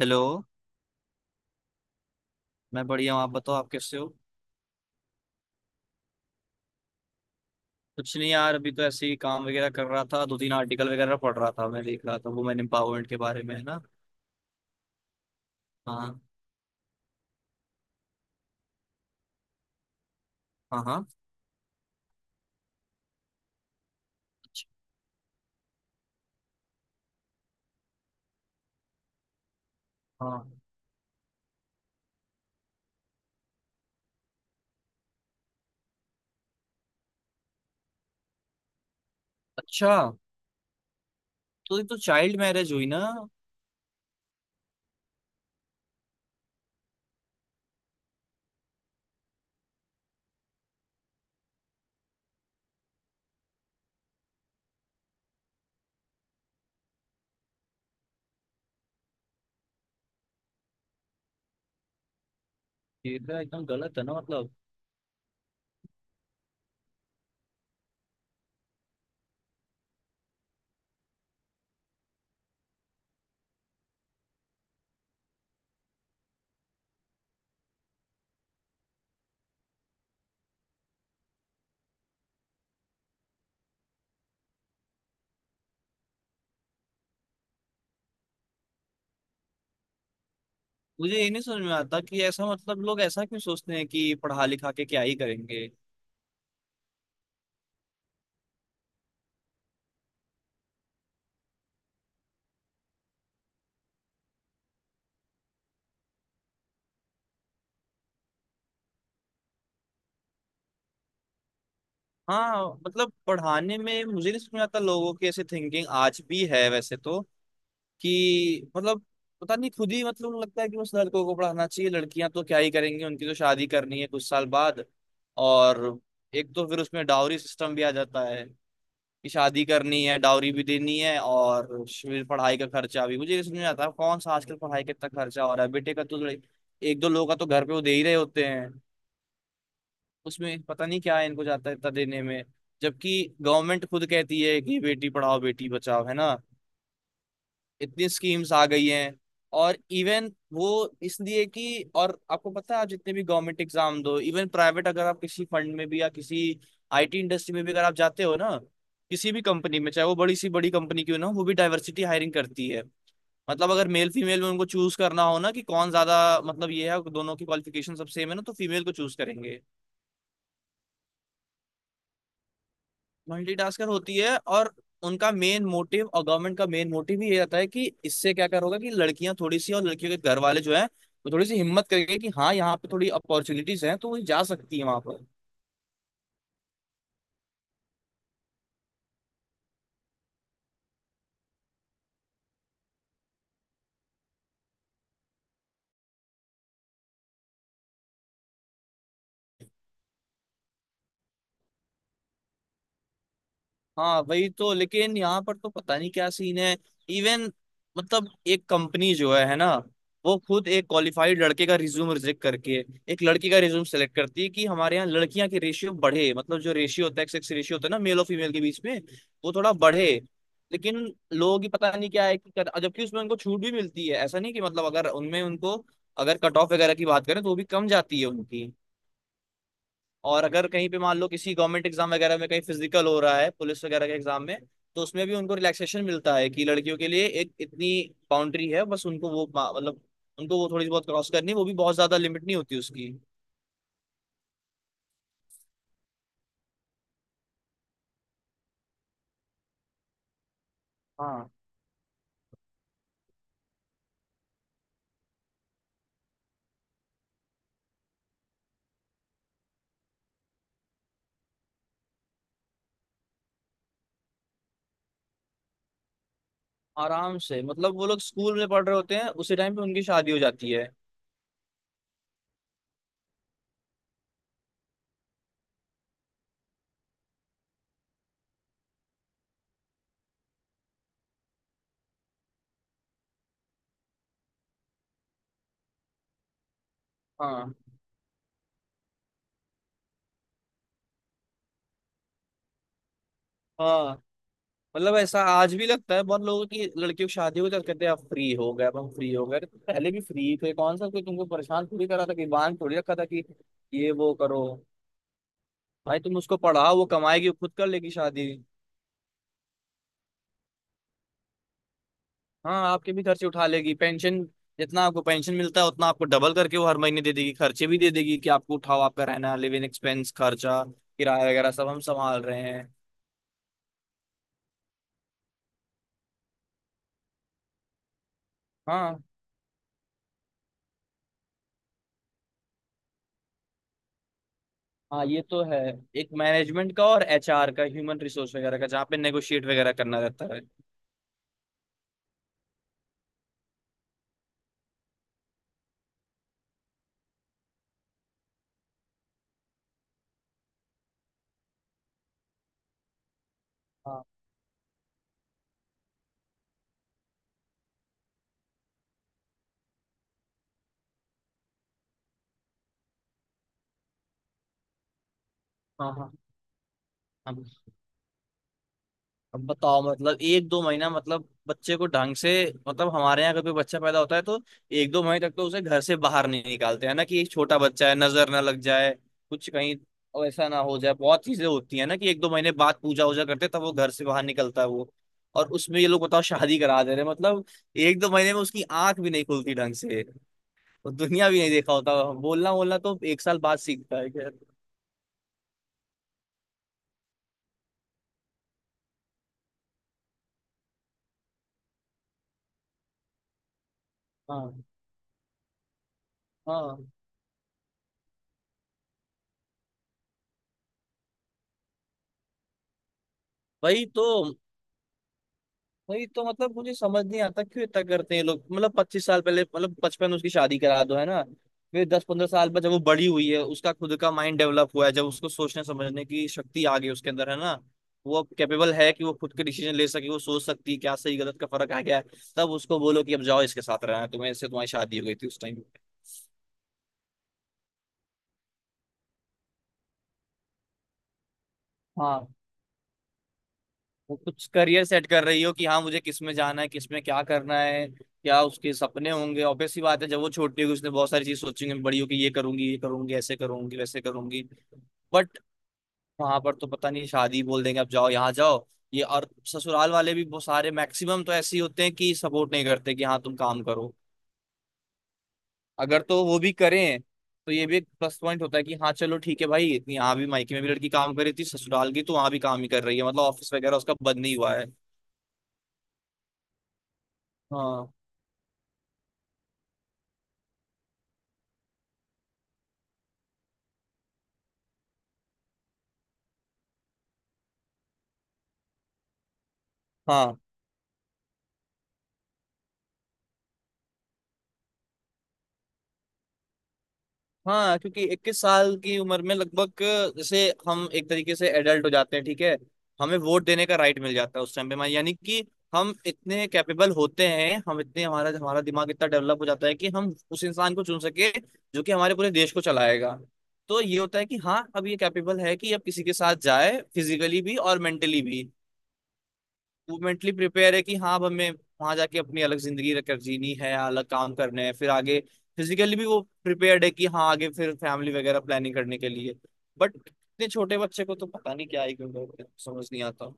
Hello. मैं बढ़िया हूँ, आप बताओ आप कैसे हो। कुछ नहीं यार, अभी तो ऐसे ही काम वगैरह कर रहा था, 2-3 आर्टिकल वगैरह पढ़ रहा था, मैं देख रहा था वुमेन एम्पावरमेंट के बारे में है ना। हाँ, हाँ, हाँ। अच्छा, हाँ, अच्छा। तो ये तो चाइल्ड मैरिज हुई ना। ये तो एकदम गलत है ना। मतलब मुझे ये नहीं समझ में आता कि ऐसा मतलब लोग ऐसा क्यों सोचते हैं कि पढ़ा लिखा के क्या ही करेंगे। हाँ, मतलब पढ़ाने में, मुझे नहीं समझ में आता लोगों की ऐसे थिंकिंग आज भी है वैसे तो। कि मतलब पता नहीं खुद ही मतलब लगता है कि बस लड़कों को पढ़ाना चाहिए, लड़कियां तो क्या ही करेंगी, उनकी तो शादी करनी है कुछ साल बाद। और एक तो फिर उसमें डाउरी सिस्टम भी आ जाता है कि शादी करनी है, डाउरी भी देनी है, और फिर पढ़ाई का खर्चा भी मुझे ये समझ में आता है। कौन सा आजकल पढ़ाई का इतना खर्चा हो रहा है, बेटे का तो एक दो लोग का तो घर पे वो दे ही रहे होते हैं। उसमें पता नहीं क्या है इनको जाता है इतना देने में। जबकि गवर्नमेंट खुद कहती है कि बेटी पढ़ाओ बेटी बचाओ है ना। इतनी स्कीम्स आ गई हैं। और इवन वो इसलिए कि और आपको पता है आप जितने भी गवर्नमेंट एग्जाम दो, इवन प्राइवेट, अगर आप किसी फंड में भी या किसी आईटी इंडस्ट्री में भी अगर आप जाते हो ना, किसी भी कंपनी में चाहे वो बड़ी सी बड़ी कंपनी क्यों ना हो, वो भी डाइवर्सिटी हायरिंग करती है। मतलब अगर मेल फीमेल में उनको चूज करना हो ना कि कौन ज्यादा, मतलब ये है दोनों की क्वालिफिकेशन सब सेम है ना, तो फीमेल को चूज करेंगे। मल्टीटास्कर होती है और उनका मेन मोटिव और गवर्नमेंट का मेन मोटिव ही ये रहता है कि इससे क्या करोगे कि लड़कियां थोड़ी सी और लड़कियों के घर वाले जो है वो थोड़ी सी हिम्मत करेंगे कि हाँ यहाँ पे थोड़ी अपॉर्चुनिटीज हैं तो वो जा सकती है वहां पर। हाँ वही तो, लेकिन यहाँ पर तो पता नहीं क्या सीन है। इवन मतलब एक कंपनी जो है ना, वो खुद एक क्वालिफाइड लड़के का रिज्यूम रिजेक्ट करके एक लड़की का रिज्यूम सेलेक्ट करती है कि हमारे यहाँ लड़कियां के रेशियो बढ़े, मतलब जो रेशियो होता है सेक्स रेशियो होता है ना मेल और फीमेल के बीच में, वो थोड़ा बढ़े। लेकिन लोगों की पता नहीं क्या है कि जबकि उसमें उनको छूट भी मिलती है, ऐसा नहीं कि मतलब अगर उनमें उनको अगर कट ऑफ वगैरह की बात करें तो वो भी कम जाती है उनकी। और अगर कहीं पे मान लो किसी गवर्नमेंट एग्जाम वगैरह में कहीं फिजिकल हो रहा है पुलिस वगैरह के एग्जाम में, तो उसमें भी उनको रिलैक्सेशन मिलता है कि लड़कियों के लिए एक इतनी बाउंड्री है, बस उनको वो मतलब उनको वो थोड़ी बहुत क्रॉस करनी है, वो भी बहुत ज्यादा लिमिट नहीं होती उसकी। हाँ, आराम से मतलब वो लोग स्कूल में पढ़ रहे होते हैं उसी टाइम पे उनकी शादी हो जाती है। हाँ, हाँ, मतलब ऐसा आज भी लगता है बहुत लोगों की लड़कियों की शादी हो जाती, कहते हैं आप फ्री हो गए अब हम फ्री हो गए। अरे तुम पहले भी फ्री थे, कौन सा कोई तुमको परेशान थोड़ी करा था कि बांध थोड़ी रखा था कि ये वो करो। भाई तुम उसको पढ़ाओ, वो कमाएगी वो खुद कर लेगी शादी। हाँ, आपके भी खर्चे उठा लेगी, पेंशन जितना आपको पेंशन मिलता है उतना आपको डबल करके वो हर महीने दे देगी, खर्चे भी दे देगी कि आपको उठाओ आपका रहना लिविंग एक्सपेंस खर्चा, किराया वगैरह सब हम संभाल रहे हैं। हाँ, हाँ, ये तो है। एक मैनेजमेंट का और एचआर का ह्यूमन रिसोर्स वगैरह का जहाँ पे नेगोशिएट वगैरह करना रहता है। हाँ, हाँ। हाँ, हाँ। अब बताओ मतलब 1-2 महीना मतलब बच्चे को ढंग से, मतलब हमारे यहाँ कभी बच्चा पैदा होता है तो 1-2 महीने तक तो उसे घर से बाहर नहीं निकालते, है ना कि एक छोटा बच्चा है नजर ना लग जाए कुछ कहीं, ऐसा ना हो जाए, बहुत चीजें होती है ना कि 1-2 महीने बाद पूजा वूजा करते तब वो घर से बाहर निकलता है वो। और उसमें ये लोग बताओ शादी करा दे रहे हैं। मतलब 1-2 महीने में उसकी आंख भी नहीं खुलती ढंग से, और दुनिया भी नहीं देखा होता, बोलना बोलना तो 1 साल बाद सीखता है, खैर। हाँ, हाँ, वही तो, वही तो। मतलब मुझे समझ नहीं आता क्यों इतना करते हैं लोग। मतलब 25 साल पहले मतलब बचपन में उसकी शादी करा दो है ना, फिर 10-15 साल बाद जब वो बड़ी हुई है, उसका खुद का माइंड डेवलप हुआ है, जब उसको सोचने समझने की शक्ति आ गई उसके अंदर है ना, वो अब कैपेबल है कि वो खुद के डिसीजन ले सके, वो सोच सकती है क्या सही गलत का फर्क आ गया है, तब उसको बोलो कि अब जाओ इसके साथ रहना है तुम्हें, इससे तुम्हारी शादी हो गई थी उस टाइम। हाँ, वो कुछ करियर सेट कर रही हो कि हाँ मुझे किस में जाना है, किस में क्या करना है, क्या उसके सपने होंगे, ऑब्वियस सी बात है, जब वो छोटी होगी उसने बहुत सारी चीज सोचेंगे बड़ी होगी ये करूंगी ऐसे करूंगी वैसे करूंगी। बट वहां पर तो पता नहीं शादी बोल देंगे अब जाओ यहाँ जाओ ये, और ससुराल वाले भी बहुत सारे मैक्सिमम तो ऐसे ही होते हैं कि सपोर्ट नहीं करते कि हाँ तुम काम करो। अगर तो वो भी करें तो ये भी एक प्लस पॉइंट होता है कि हाँ चलो ठीक है भाई यहाँ भी मायके में भी लड़की काम कर रही थी, ससुराल की तो वहां भी काम ही कर रही है, मतलब ऑफिस वगैरह उसका बंद नहीं हुआ है। हाँ, हाँ, हाँ, क्योंकि 21 साल की उम्र में लगभग जैसे हम एक तरीके से एडल्ट हो जाते हैं, ठीक है, हमें वोट देने का राइट मिल जाता है उस टाइम पे हमारे, यानी कि हम इतने कैपेबल होते हैं, हम इतने, हमारा हमारा दिमाग इतना डेवलप हो जाता है कि हम उस इंसान को चुन सके जो कि हमारे पूरे देश को चलाएगा। तो ये होता है कि हाँ अब ये कैपेबल है कि अब किसी के साथ जाए फिजिकली भी और मेंटली भी, वो मेंटली प्रिपेयर है कि हाँ अब हमें वहां जाके अपनी अलग जिंदगी रख जीनी है, अलग काम करने हैं फिर आगे, फिजिकली भी वो प्रिपेयर्ड है कि हाँ आगे फिर फैमिली वगैरह प्लानिंग करने के लिए। बट इतने छोटे बच्चे को तो पता नहीं क्या ही क्यों करते हैं, समझ नहीं आता।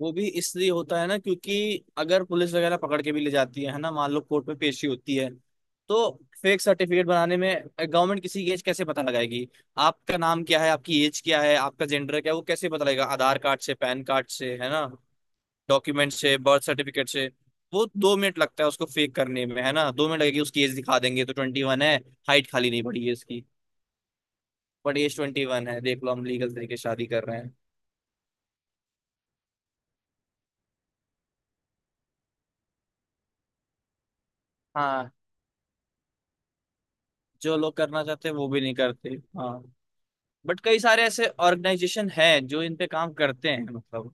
वो भी इसलिए होता है ना, क्योंकि अगर पुलिस वगैरह पकड़ के भी ले जाती है ना, मान लो कोर्ट में पेशी होती है, तो फेक सर्टिफिकेट बनाने में गवर्नमेंट किसी की एज कैसे पता लगाएगी। आपका नाम क्या है, आपकी एज क्या है, आपका जेंडर क्या है, वो कैसे पता लगेगा, आधार कार्ड से, पैन कार्ड से है ना, डॉक्यूमेंट से, बर्थ सर्टिफिकेट से। वो 2 मिनट लगता है उसको फेक करने में है ना, 2 मिनट लगेगी, उसकी एज दिखा देंगे तो 21 है, हाइट खाली नहीं पड़ी है इसकी, बट एज 21 है देख लो हम लीगल तरीके से शादी कर रहे हैं। हाँ, जो लोग करना चाहते हैं वो भी नहीं करते। हाँ, बट कई सारे ऐसे ऑर्गेनाइजेशन हैं जो इन पे काम करते हैं, मतलब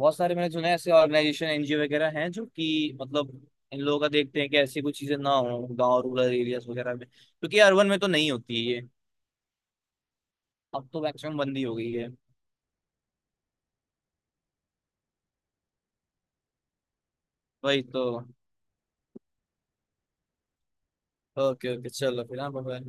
बहुत सारे मैंने सुने हैं ऐसे ऑर्गेनाइजेशन एनजीओ वगैरह हैं जो कि मतलब इन लोगों का देखते हैं कि ऐसी कुछ चीजें ना हो गांव रूरल एरियाज वगैरह में, क्योंकि अर्बन में तो नहीं होती है ये, अब तो मैक्सिमम बंदी हो गई है। वही तो। ओके ओके, चलो फिर, हाँ, बाय।